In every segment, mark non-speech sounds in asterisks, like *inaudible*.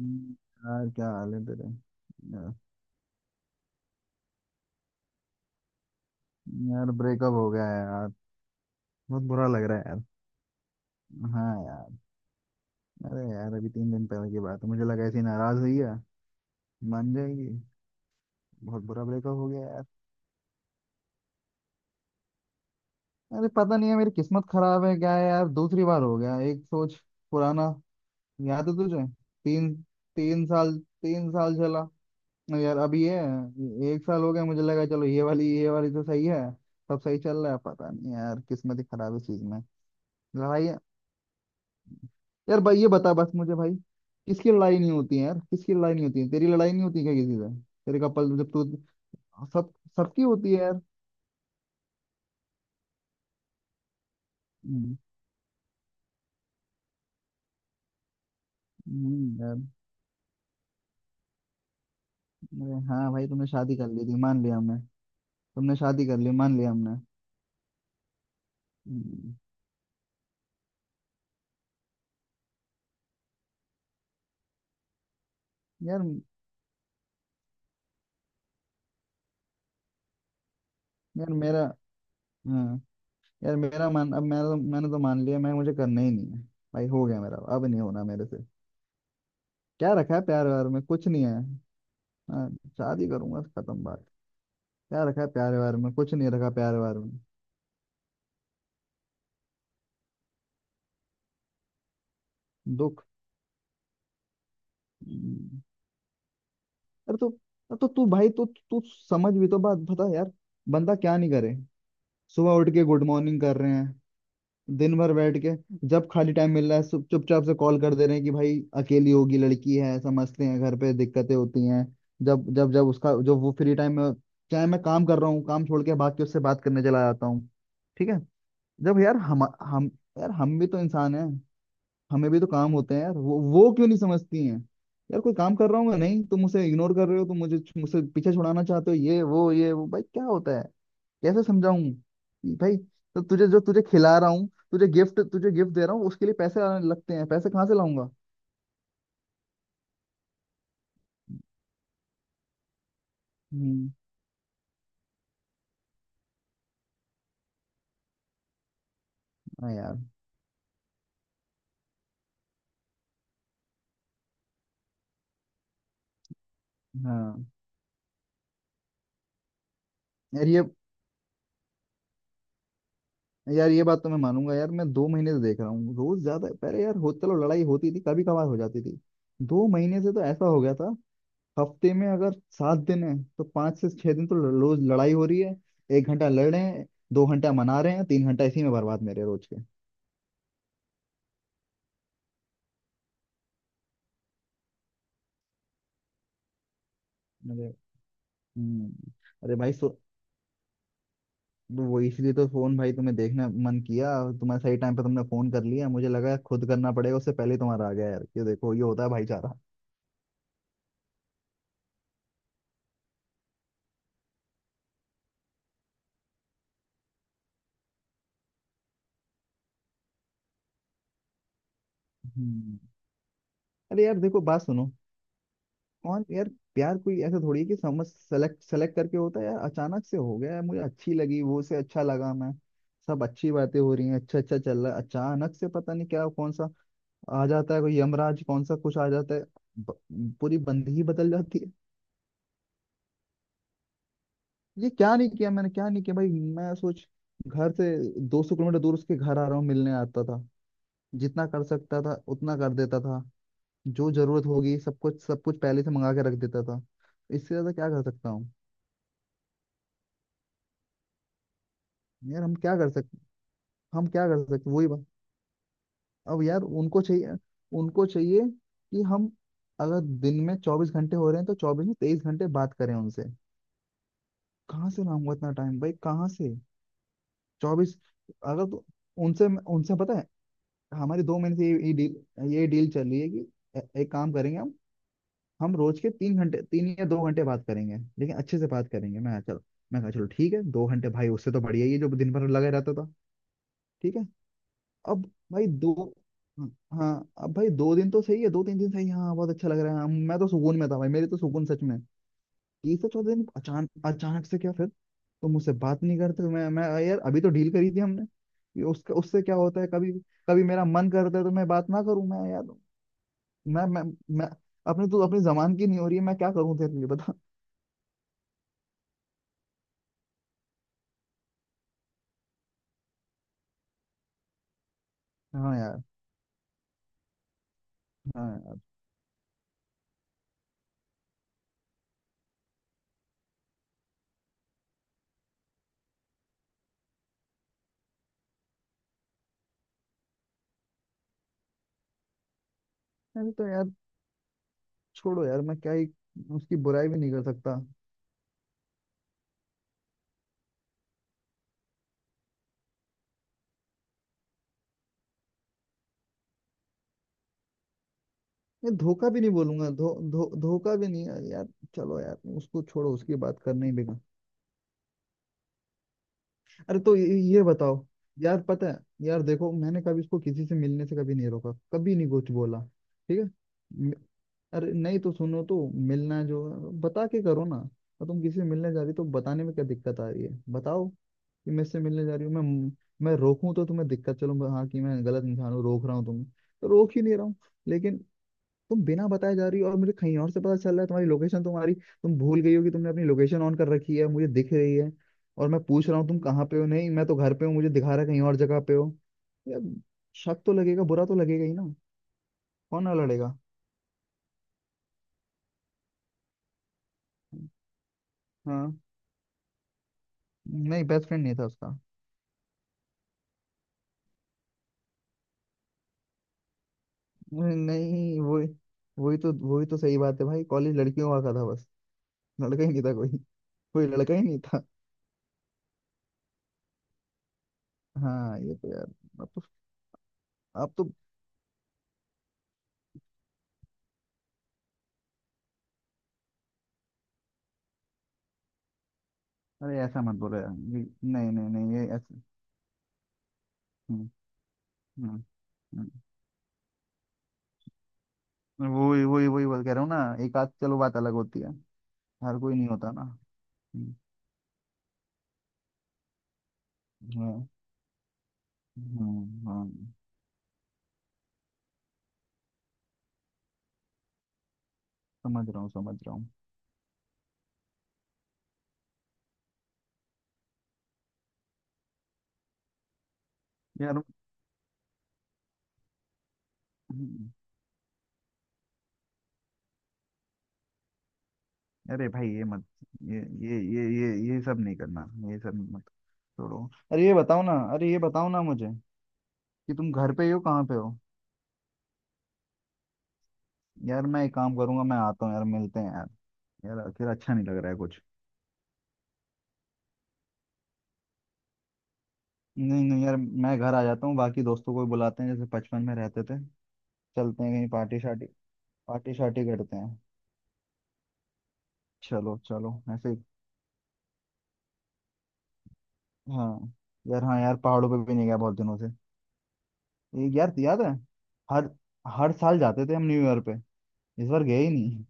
हम्म। यार क्या हाल है तेरे यार, यार ब्रेकअप हो गया है। बहुत बुरा लग रहा है। हाँ यार। अरे यार अभी तीन दिन पहले की बात है, मुझे लगा ऐसी नाराज हुई है मान जाएगी। बहुत बुरा ब्रेकअप हो गया है। अरे पता नहीं है, मेरी किस्मत खराब है क्या है यार, दूसरी बार हो गया। एक सोच पुराना, याद है तुझे? तीन, तीन साल तीन साल चला। नहीं यार अभी एक साल हो गया, मुझे लगा चलो ये वाली, ये वाली तो सही है, सब सही चल रहा है, पता नहीं यार किस्मत ही खराब है इस चीज में। लड़ाई। यार भाई ये बता बस मुझे भाई, किसकी लड़ाई नहीं होती है यार, किसकी लड़ाई नहीं होती है, तेरी लड़ाई नहीं होती क्या किसी से? तेरे कपल जब तू, सब सबकी होती है यार। हम्म। यार। अरे हाँ भाई तुमने शादी कर ली थी मान लिया हमने। तुमने शादी कर ली मान लिया हमने। हम्म, यार। यार मेरा, हाँ, यार मेरा मान अब मेरा, मैंने तो मान लिया, मैं मुझे करना ही नहीं है भाई। हो गया मेरा, अब नहीं होना मेरे से। क्या रखा है प्यार व्यार में, कुछ नहीं है। हाँ। शादी करूंगा, खत्म बात। क्या रखा है प्यार व्यार में, कुछ नहीं रखा प्यार व्यार में। दुख। हम्म। अरे तो तू भाई तू तू समझ भी तो बात बता यार, बंदा क्या नहीं करे। सुबह उठ के गुड मॉर्निंग कर रहे हैं, दिन भर बैठ के जब खाली टाइम मिल रहा है चुपचाप से कॉल कर दे रहे हैं कि भाई अकेली होगी, लड़की है, समझते हैं घर पे दिक्कतें होती हैं। जब जब जब उसका जो वो फ्री टाइम में, चाहे मैं काम कर रहा हूँ, काम छोड़ के भाग के उससे बात करने चला जाता हूँ। ठीक है। जब यार, हम यार, हम भी तो इंसान हैं, हमें भी तो काम होते हैं यार, वो क्यों नहीं समझती हैं। यार कोई काम कर रहा हूँ मैं, नहीं तुम मुझे इग्नोर कर रहे हो, तुम मुझे मुझसे पीछे छुड़ाना चाहते हो, ये वो ये वो, भाई क्या होता है, कैसे समझाऊं कि भाई तो तुझे, जो तुझे खिला रहा हूँ, तुझे गिफ्ट, तुझे गिफ्ट दे रहा हूँ, उसके लिए पैसे आने लगते हैं, पैसे कहाँ से लाऊंगा। हम्म। हाँ यार। हाँ यार ये, यार ये बात तो मैं मानूंगा यार, मैं दो महीने से देख रहा हूँ, रोज ज्यादा, पहले यार हो, चलो लड़ाई होती थी कभी कभार हो जाती थी, दो महीने से तो ऐसा हो गया था। हफ्ते में अगर सात दिन है तो पाँच से छह दिन तो रोज लड़ाई हो रही है। एक घंटा लड़ रहे हैं, दो घंटा मना रहे हैं, तीन घंटा इसी में बर्बाद मेरे रोज के। अरे। हम्म। अरे भाई सो, वो इसलिए तो फोन, भाई तुम्हें देखना मन किया, तुम्हारे सही टाइम पे तुमने फोन कर लिया, मुझे लगा खुद करना पड़ेगा, उससे पहले तुम्हारा आ गया, यार ये देखो ये होता है भाईचारा। हम्म। अरे यार देखो बात सुनो, और यार, प्यार कोई ऐसा थोड़ी है कि समझ सेलेक्ट सेलेक्ट करके होता है यार, अचानक से हो गया यार, मुझे अच्छी लगी वो, से अच्छा लगा मैं, सब अच्छी बातें हो रही हैं, अच्छा अच्छा चल रहा है, अचानक से पता नहीं क्या कौन सा आ जाता है, कोई यमराज कौन सा कुछ आ जाता है, ब, पूरी बंदगी ही बदल जाती है। ये क्या नहीं किया मैंने, क्या नहीं किया भाई, मैं सोच, घर से 200 किलोमीटर दूर उसके घर आ रहा हूँ, मिलने आता था, जितना कर सकता था उतना कर देता था, जो जरूरत होगी सब कुछ पहले से मंगा के रख देता था, इससे ज्यादा क्या कर सकता हूँ। यार हम क्या कर सकते, हम क्या कर सकते हैं? वही बात। अब यार उनको चाहिए, उनको चाहिए कि हम, अगर दिन में चौबीस घंटे हो रहे हैं तो चौबीस में तेईस घंटे बात करें उनसे, कहाँ से लाऊंगा इतना टाइम भाई, कहाँ से, चौबीस, अगर तो, उनसे, उनसे पता है, हमारी दो महीने से ये डील चल रही है कि एक काम करेंगे हम रोज के तीन घंटे, तीन या दो घंटे बात करेंगे लेकिन अच्छे से बात करेंगे, मैं कहा, चलो, मैं कहा चलो ठीक है, दो घंटे भाई उससे तो बढ़िया ही है जो दिन भर लगे रहता था। ठीक है। अब भाई दो, हाँ, अब भाई दो दिन तो सही है, दो तीन दिन सही है, हाँ बहुत अच्छा लग रहा है, हाँ, मैं तो सुकून में था भाई, मेरे तो सुकून सच में। तीसरे चौथे दिन अचानक अचानक से क्या फिर तो मुझसे बात नहीं करते, मैं यार अभी तो डील करी थी हमने, ये उसका उससे क्या होता है, कभी कभी मेरा मन करता है तो मैं बात ना करूं मैं यार, मैं मैं मैं अपने तो अपनी जबान की नहीं हो रही है मैं, क्या करूं तेरे लिए बता। हाँ यार, हाँ यार। अरे तो यार, छोड़ो यार, मैं क्या ही उसकी बुराई भी नहीं कर सकता। मैं धोखा भी नहीं बोलूंगा, धो धो धोखा भी नहीं यार, यार, चलो यार उसको छोड़ो, उसकी बात करना ही बेकार। अरे तो ये बताओ, यार पता है, यार देखो मैंने कभी इसको किसी से मिलने से कभी नहीं रोका, कभी नहीं कुछ बोला। ठीक है। म- अरे नहीं तो सुनो तो, मिलना जो है, बता के करो ना, और तुम किसी से मिलने जा रही हो, तो बताने में क्या दिक्कत आ रही है बताओ कि मैं इससे मिलने जा रही हूँ मैं रोकूं तो तुम्हें दिक्कत, चलो हाँ कि मैं गलत इंसान हूँ रोक रहा हूँ तुम्हें, तो रोक ही नहीं रहा हूँ, लेकिन तुम बिना बताए जा रही हो और मुझे कहीं और से पता चल रहा है तुम्हारी लोकेशन, तुम्हारी, तुम भूल गई हो कि तुमने अपनी लोकेशन ऑन कर रखी है मुझे दिख रही है, और मैं पूछ रहा हूँ तुम कहाँ पे हो, नहीं मैं तो घर पे हूँ, मुझे दिखा रहा है कहीं और जगह पे हो। यार, शक तो लगेगा, बुरा तो लगेगा ही ना, कौन ना लड़ेगा। हाँ। नहीं बेस्ट फ्रेंड नहीं था उसका। नहीं वही, वही तो सही बात है भाई, कॉलेज लड़कियों का था बस, लड़का ही नहीं था कोई, कोई लड़का ही नहीं था। हाँ ये तो यार, अब तो अब तो, अरे ऐसा मत बोलो यार, ये- नहीं नहीं नहीं ये ऐसा। हम्म। हम्म। वही वही वही बात कह रहा हूँ ना, एक आध चलो बात अलग होती है, हर कोई नहीं होता ना। हम्म, हाँ। हाँ। समझ रहा हूँ समझ रहा हूँ। यार। हम्म। अरे भाई ये मत, ये ये सब नहीं करना, ये सब मत, छोड़ो। अरे ये बताओ ना, अरे ये बताओ ना मुझे कि तुम घर पे ही हो कहाँ पे हो, यार मैं एक काम करूंगा मैं आता हूँ यार मिलते हैं यार, यार अकेला अच्छा नहीं लग रहा है कुछ। नहीं नहीं यार, मैं घर आ जाता हूँ, बाकी दोस्तों को भी बुलाते हैं जैसे बचपन में रहते थे, चलते हैं कहीं पार्टी शार्टी, पार्टी शार्टी करते हैं। चलो चलो ऐसे हाँ यार, हाँ यार पहाड़ों पे भी नहीं गया बहुत दिनों से, ये यार याद है, हर हर साल जाते थे हम न्यू ईयर पे, इस बार गए ही नहीं।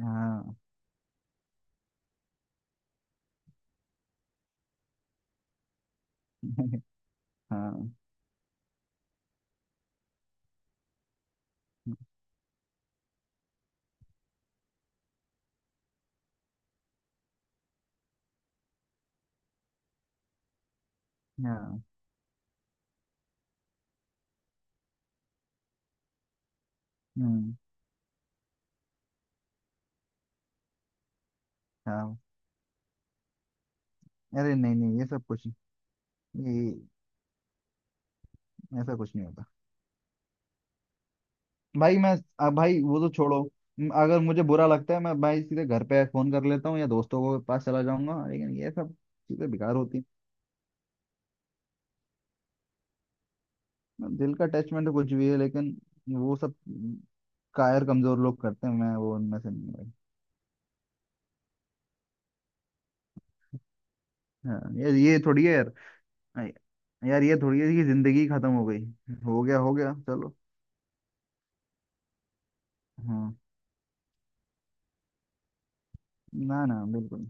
हाँ। *laughs* हाँ। हाँ। हम्म, हाँ। अरे नहीं नहीं ये सब कुछ, ये ऐसा कुछ नहीं होता भाई, मैं, अब भाई वो तो छोड़ो, अगर मुझे बुरा लगता है मैं भाई सीधे घर पे फोन कर लेता हूँ या दोस्तों के पास चला जाऊंगा, लेकिन ये सब चीजें बेकार होती हैं। दिल का अटैचमेंट कुछ भी है लेकिन वो सब कायर कमजोर लोग करते हैं, मैं वो उनमें से नहीं भाई। हाँ यार ये थोड़ी है यार, हाँ, यार ये थोड़ी है कि जिंदगी खत्म हो गई, हो गया चलो। हाँ, ना ना बिल्कुल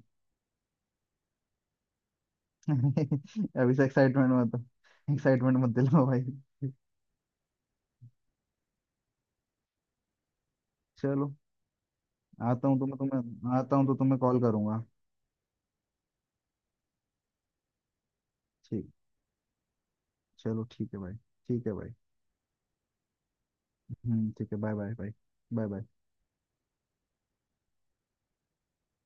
नहीं। *laughs* अभी से एक्साइटमेंट मत, एक्साइटमेंट मत दिलाओ भाई। चलो, आता हूँ तो मैं तुम्हें, आता हूँ तो तुम्हें कॉल करूंगा। ठीक। चलो ठीक है भाई, ठीक है भाई। ठीक है, bye bye bye, bye bye.